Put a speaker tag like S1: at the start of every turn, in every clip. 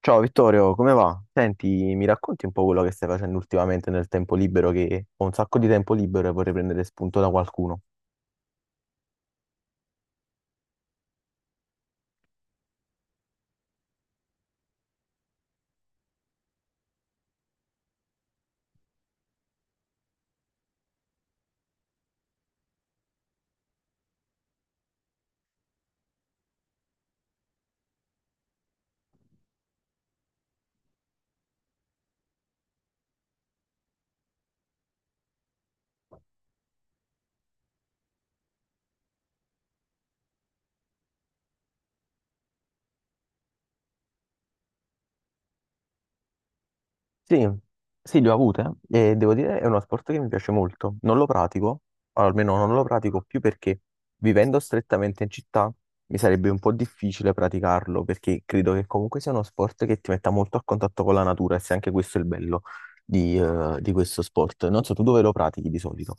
S1: Ciao Vittorio, come va? Senti, mi racconti un po' quello che stai facendo ultimamente nel tempo libero, che ho un sacco di tempo libero e vorrei prendere spunto da qualcuno. Sì, sì, le ho avute e devo dire è uno sport che mi piace molto. Non lo pratico, o almeno non lo pratico più perché vivendo strettamente in città mi sarebbe un po' difficile praticarlo perché credo che comunque sia uno sport che ti metta molto a contatto con la natura e se anche questo è il bello di questo sport. Non so, tu dove lo pratichi di solito?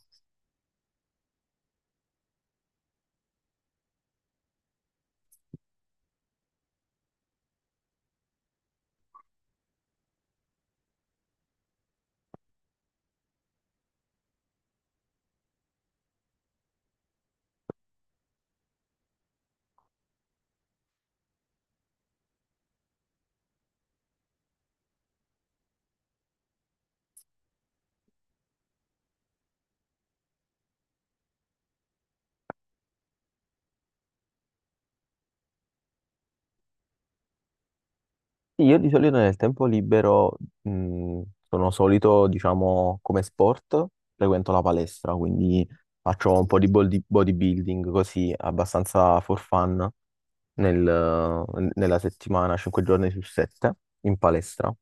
S1: Sì, io di solito nel tempo libero sono solito, diciamo, come sport, frequento la palestra, quindi faccio un po' di bodybuilding così, abbastanza for fun nel- nella settimana, 5 giorni su 7 in palestra.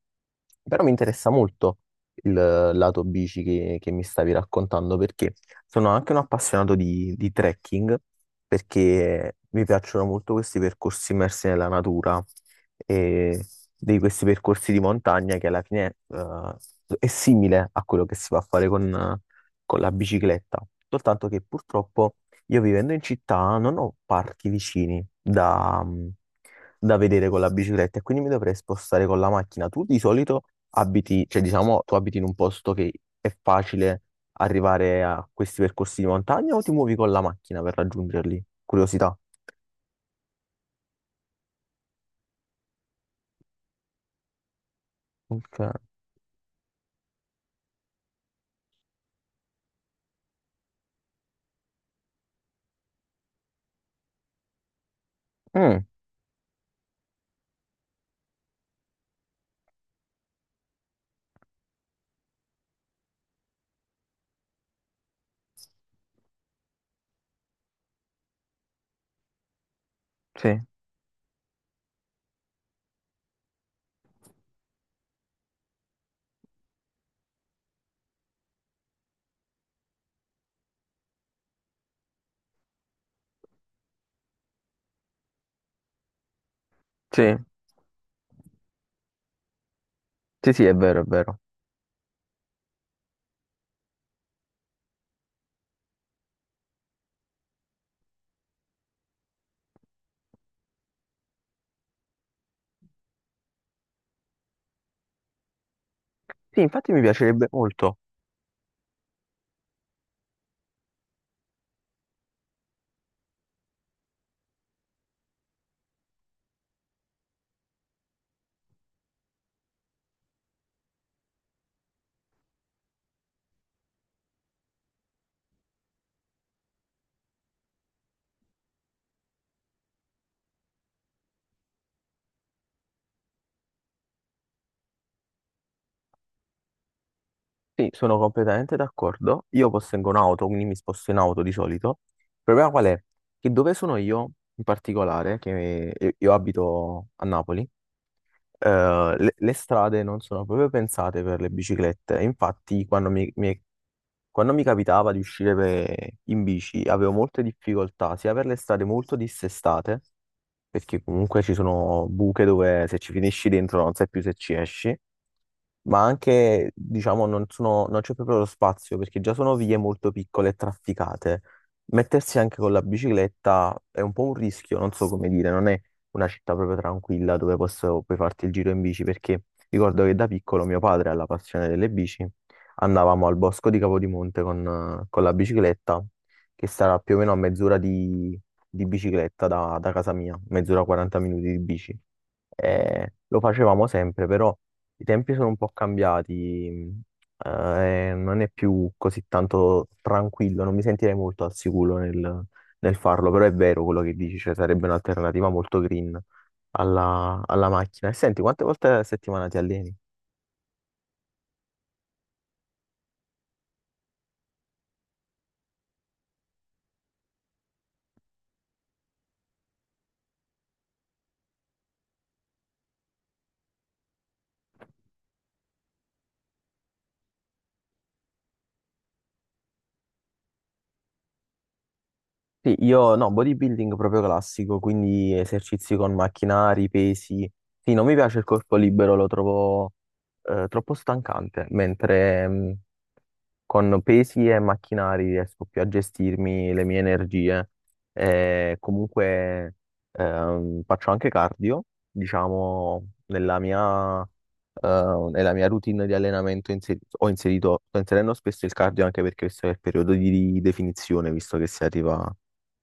S1: Però mi interessa molto il lato bici che mi stavi raccontando perché sono anche un appassionato di trekking perché mi piacciono molto questi percorsi immersi nella natura e di questi percorsi di montagna che alla fine è simile a quello che si va a fare con la bicicletta, soltanto che purtroppo io vivendo in città non ho parchi vicini da vedere con la bicicletta e quindi mi dovrei spostare con la macchina. Tu di solito abiti, cioè diciamo, tu abiti in un posto che è facile arrivare a questi percorsi di montagna o ti muovi con la macchina per raggiungerli? Curiosità. Ok. Mm, sì, sì, sì, sì, è vero, è vero. Sì, infatti mi piacerebbe molto. Sì, sono completamente d'accordo. Io possengo un'auto, quindi mi sposto in auto di solito. Il problema qual è? Che dove sono io, in particolare, che io abito a Napoli, le strade non sono proprio pensate per le biciclette. Infatti, quando mi capitava di uscire in bici, avevo molte difficoltà, sia per le strade molto dissestate, perché comunque ci sono buche dove se ci finisci dentro non sai più se ci esci ma anche, diciamo, non c'è proprio lo spazio perché già sono vie molto piccole e trafficate. Mettersi anche con la bicicletta è un po' un rischio, non so come dire, non è una città proprio tranquilla dove puoi farti il giro in bici perché ricordo che da piccolo mio padre ha la passione delle bici, andavamo al bosco di Capodimonte con la bicicletta, che sarà più o meno a mezz'ora di bicicletta da casa mia, mezz'ora 40 minuti di bici. Lo facevamo sempre, però. I tempi sono un po' cambiati, non è più così tanto tranquillo, non mi sentirei molto al sicuro nel farlo, però è vero quello che dici, cioè sarebbe un'alternativa molto green alla macchina. E senti, quante volte a settimana ti alleni? Sì, io no, bodybuilding proprio classico, quindi esercizi con macchinari, pesi. Sì, non mi piace il corpo libero, lo trovo troppo stancante, mentre con pesi e macchinari riesco più a gestirmi le mie energie. E comunque faccio anche cardio, diciamo, nella mia routine di allenamento ho inserito, sto inserendo spesso il cardio anche perché questo è il periodo di definizione, visto che si arriva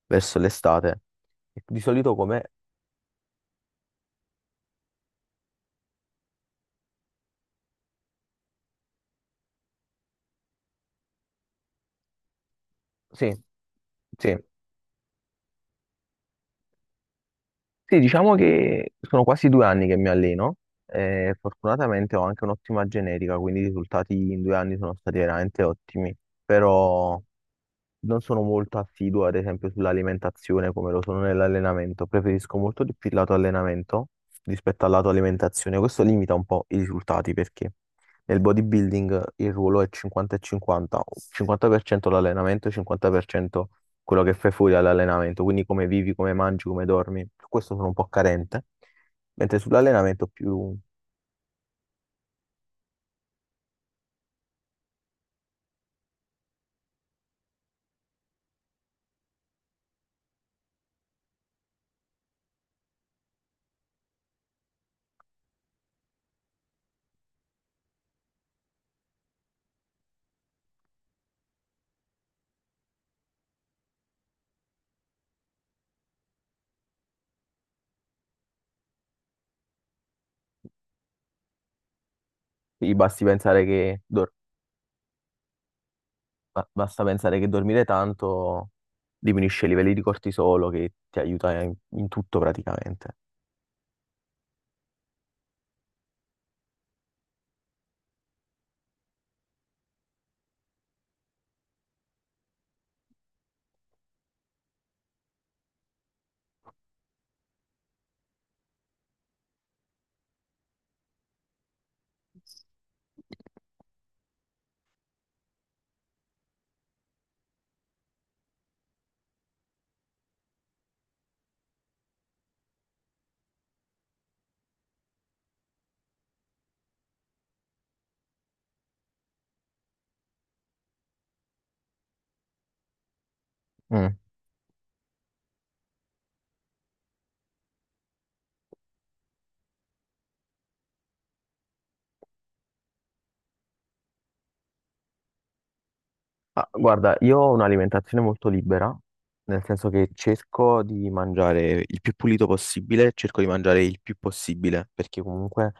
S1: verso l'estate. E di solito come... Sì, sì. Sì, diciamo che sono quasi 2 anni che mi alleno e fortunatamente ho anche un'ottima genetica, quindi i risultati in 2 anni sono stati veramente ottimi, però non sono molto assiduo, ad esempio, sull'alimentazione come lo sono nell'allenamento. Preferisco molto di più il lato allenamento rispetto al lato alimentazione. Questo limita un po' i risultati perché nel bodybuilding il ruolo è 50 e 50, 50% l'allenamento, 50% quello che fai fuori dall'allenamento, quindi come vivi, come mangi, come dormi. Su questo sono un po' carente, mentre sull'allenamento più mi basti pensare che dormi. Basta pensare che dormire tanto diminuisce i livelli di cortisolo che ti aiuta in tutto praticamente. Mm. Ah, guarda, io ho un'alimentazione molto libera, nel senso che cerco di mangiare il più pulito possibile, cerco di mangiare il più possibile, perché comunque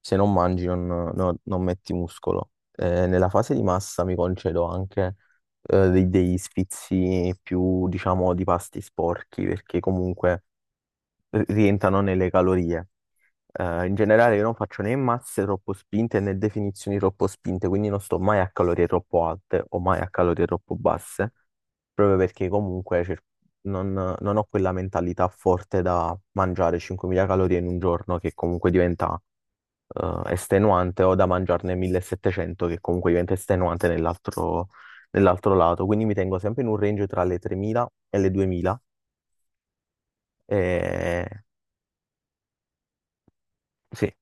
S1: se non mangi non metti muscolo. Nella fase di massa mi concedo anche degli sfizi più, diciamo, di pasti sporchi, perché comunque rientrano nelle calorie. In generale io non faccio né masse troppo spinte né definizioni troppo spinte, quindi non sto mai a calorie troppo alte o mai a calorie troppo basse, proprio perché comunque non, non ho quella mentalità forte da mangiare 5.000 calorie in un giorno che comunque diventa estenuante o da mangiarne 1.700 che comunque diventa estenuante nell'altro lato, quindi mi tengo sempre in un range tra le 3.000 e le 2.000. E... Sì,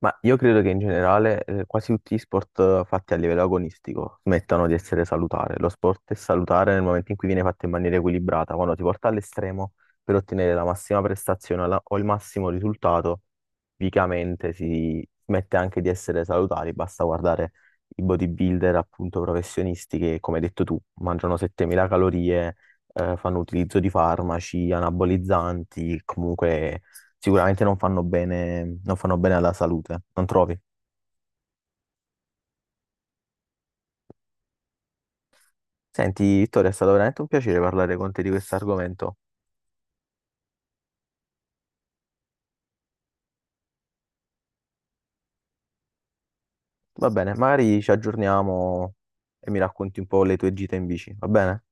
S1: ma io credo che in generale quasi tutti gli sport fatti a livello agonistico smettano di essere salutare. Lo sport è salutare nel momento in cui viene fatto in maniera equilibrata, quando ti porta all'estremo per ottenere la massima prestazione o il massimo risultato, tipicamente si smette anche di essere salutari. Basta guardare i bodybuilder appunto professionisti che, come hai detto tu, mangiano 7.000 calorie, fanno utilizzo di farmaci, anabolizzanti, comunque sicuramente non fanno bene, non fanno bene alla salute, non trovi? Senti, Vittorio, è stato veramente un piacere parlare con te di questo argomento. Va bene, magari ci aggiorniamo e mi racconti un po' le tue gite in bici, va bene?